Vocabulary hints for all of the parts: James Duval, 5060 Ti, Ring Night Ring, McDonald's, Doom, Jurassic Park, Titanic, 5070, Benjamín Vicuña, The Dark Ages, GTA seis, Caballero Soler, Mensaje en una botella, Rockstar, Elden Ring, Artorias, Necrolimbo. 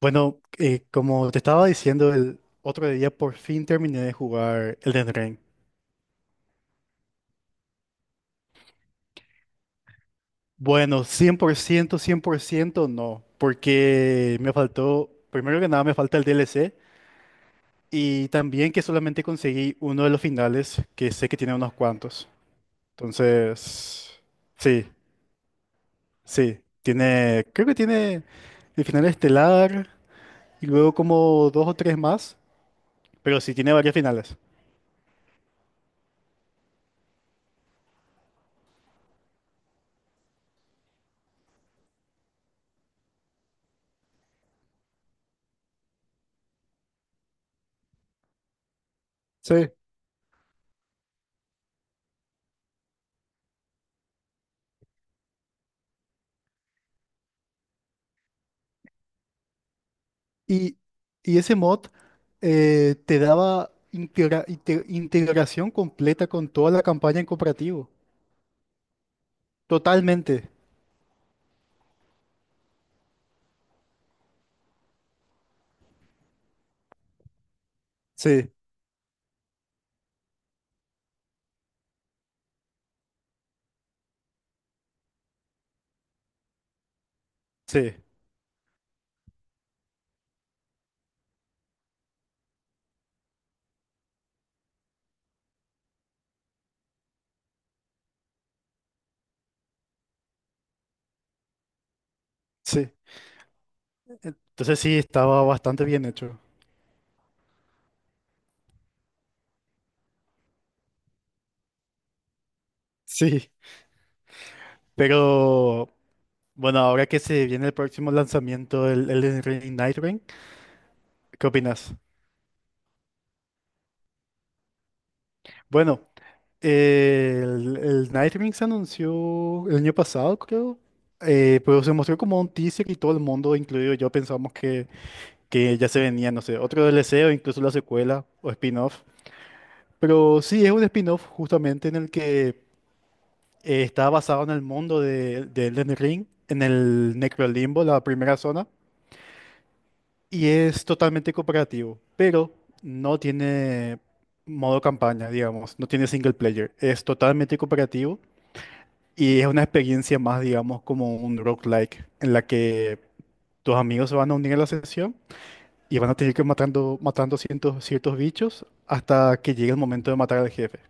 Bueno, como te estaba diciendo, el otro día por fin terminé de jugar Elden Ring. Bueno, cien por ciento, cien por ciento, no, porque me faltó, primero que nada me falta el DLC y también que solamente conseguí uno de los finales, que sé que tiene unos cuantos. Entonces, sí, sí, tiene, creo que tiene el final estelar y luego como dos o tres más, pero sí tiene varios finales. Sí. Y, y ese mod te daba integración completa con toda la campaña en cooperativo. Totalmente. Sí, sí, sí. Entonces sí, estaba bastante bien hecho. Sí. Pero bueno, ahora que se viene el próximo lanzamiento, el Ring Night Ring, ¿qué opinas? Bueno, el Night Ring se anunció el año pasado, creo. Pero se mostró como un teaser y todo el mundo, incluido yo, pensamos que ya se venía, no sé, otro DLC o incluso la secuela o spin-off. Pero sí, es un spin-off justamente en el que está basado en el mundo de Elden Ring, en el Necrolimbo, la primera zona, y es totalmente cooperativo, pero no tiene modo campaña, digamos, no tiene single player, es totalmente cooperativo y es una experiencia más, digamos, como un roguelike, en la que tus amigos se van a unir a la sesión. Y van a tener que ir matando, matando ciertos bichos hasta que llegue el momento de matar al jefe.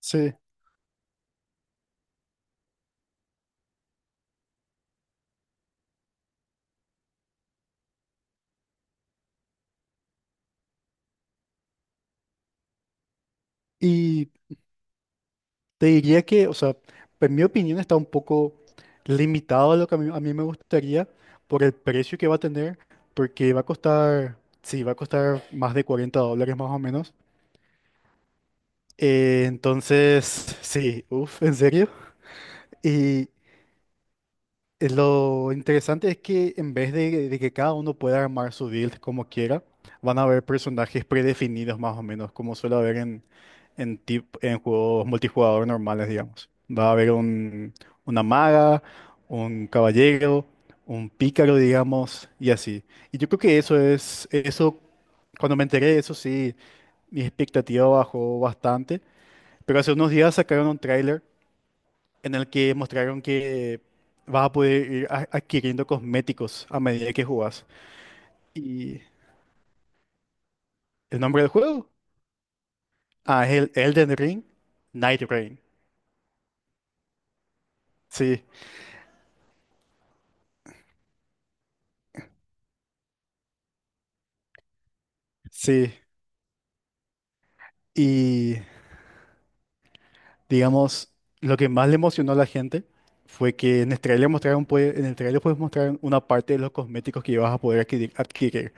Sí. Y te diría que, o sea, en mi opinión está un poco limitado a lo que a mí me gustaría por el precio que va a tener, porque va a costar, sí, va a costar más de $40 más o menos. Entonces, sí, uff, ¿en serio? Y lo interesante es que en vez de que cada uno pueda armar su build como quiera, van a haber personajes predefinidos más o menos, como suele haber en, en juegos multijugador normales, digamos. Va a haber un, una maga, un caballero, un pícaro, digamos, y así. Y yo creo que eso es, eso, cuando me enteré de eso, sí, mi expectativa bajó bastante, pero hace unos días sacaron un tráiler en el que mostraron que vas a poder ir adquiriendo cosméticos a medida que jugás. ¿Y el nombre del juego? Ah, es el Elden Ring Night Rain. Sí, sí. Y digamos, lo que más le emocionó a la gente fue que en el trailer mostraron, pues, en el trailer pues mostraron una parte de los cosméticos que ibas a poder adquirir, adquirir.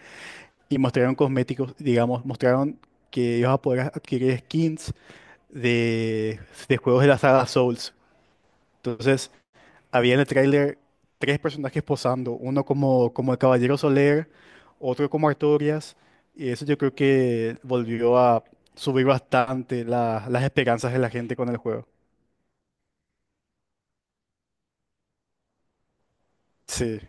Y mostraron cosméticos, digamos, mostraron que ibas a poder adquirir skins de, de juegos de la saga Souls. Entonces, había en el tráiler tres personajes posando, uno como, como el Caballero Soler, otro como Artorias, y eso yo creo que volvió a subir bastante las esperanzas de la gente con el juego. Sí,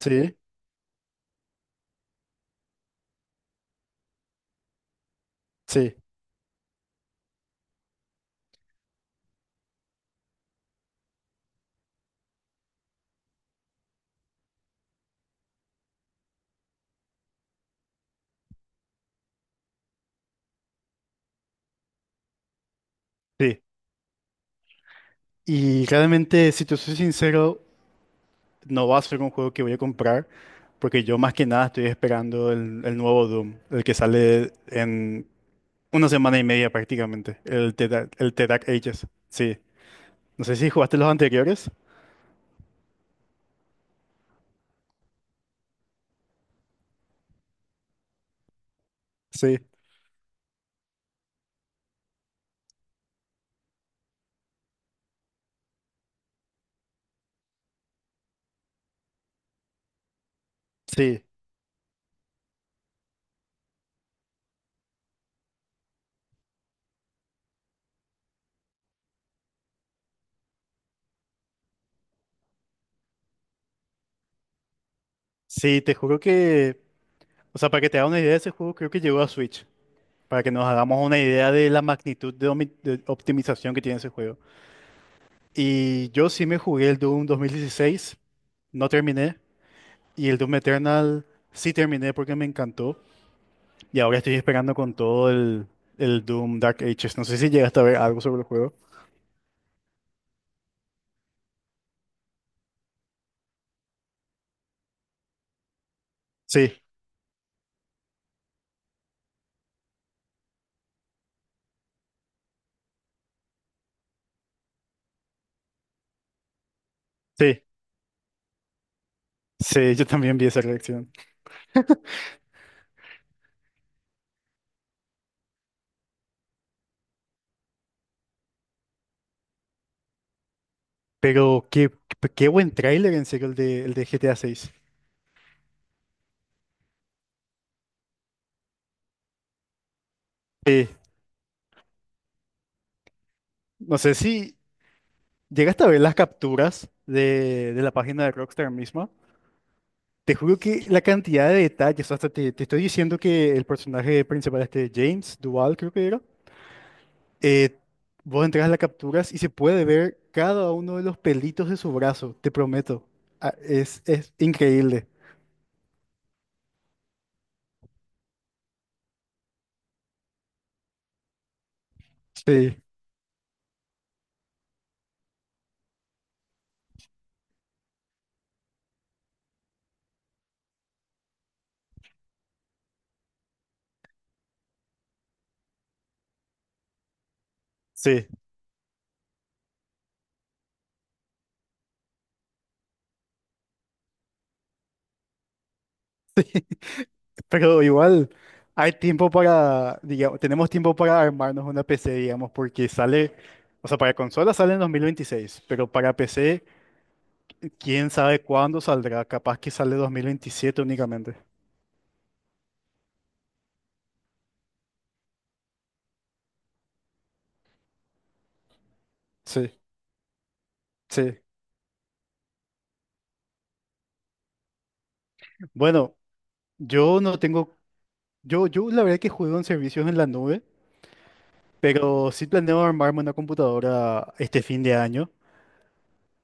sí, sí, sí. Y realmente, si te soy sincero, no va a ser un juego que voy a comprar, porque yo más que nada estoy esperando el nuevo Doom, el que sale en una semana y media prácticamente, el The Dark Ages. Sí. No sé si jugaste los anteriores. Sí. Sí, sí, te juro que, o sea, para que te haga una idea de ese juego, creo que llegó a Switch, para que nos hagamos una idea de la magnitud de, de optimización que tiene ese juego. Y yo sí me jugué el Doom 2016, no terminé, y el Doom Eternal sí terminé porque me encantó, y ahora estoy esperando con todo el Doom Dark Ages. No sé si llegaste a ver algo sobre el juego. Sí, sí, sí, yo también vi esa reacción. Pero qué, qué buen tráiler en serio el de GTA 6. Sí, no sé si... Llegaste a ver las capturas de la página de Rockstar misma. Te juro que la cantidad de detalles, hasta te estoy diciendo que el personaje principal, este James Duval, creo que era, eh, vos entras a las capturas y se puede ver cada uno de los pelitos de su brazo, te prometo. Ah, es increíble. Sí, sí, sí. Pero igual hay tiempo para, digamos, tenemos tiempo para armarnos una PC, digamos, porque sale, o sea, para consola sale en 2026, pero para PC... quién sabe cuándo saldrá, capaz que sale 2027 únicamente. Sí, sí. Bueno, yo no tengo, yo la verdad que juego en servicios en la nube, pero sí planeo armarme una computadora este fin de año.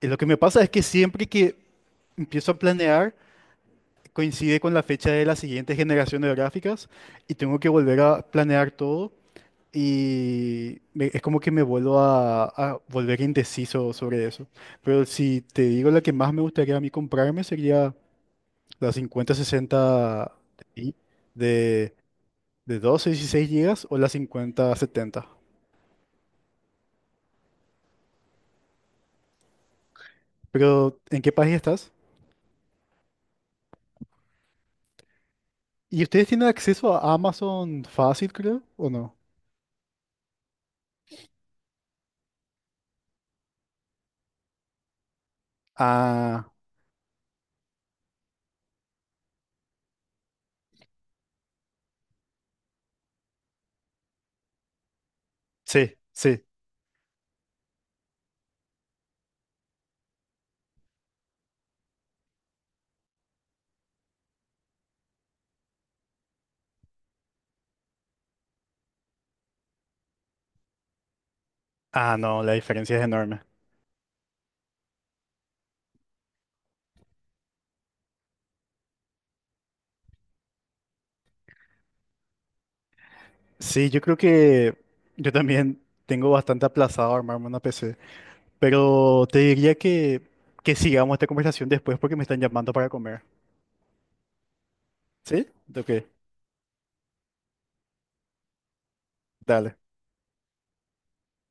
Y lo que me pasa es que siempre que empiezo a planear, coincide con la fecha de la siguiente generación de gráficas y tengo que volver a planear todo. Y es como que me vuelvo a volver indeciso sobre eso. Pero si te digo la que más me gustaría a mí comprarme sería la 5060 Ti de, de 12 y 16 GB o la 5070. Pero ¿en qué país estás? ¿Y ustedes tienen acceso a Amazon fácil, creo, o no? Ah, sí, sí. Ah, no, la diferencia es enorme. Sí, yo creo que yo también tengo bastante aplazado armarme una PC. Pero te diría que, sigamos esta conversación después porque me están llamando para comer. ¿Sí? Ok, dale.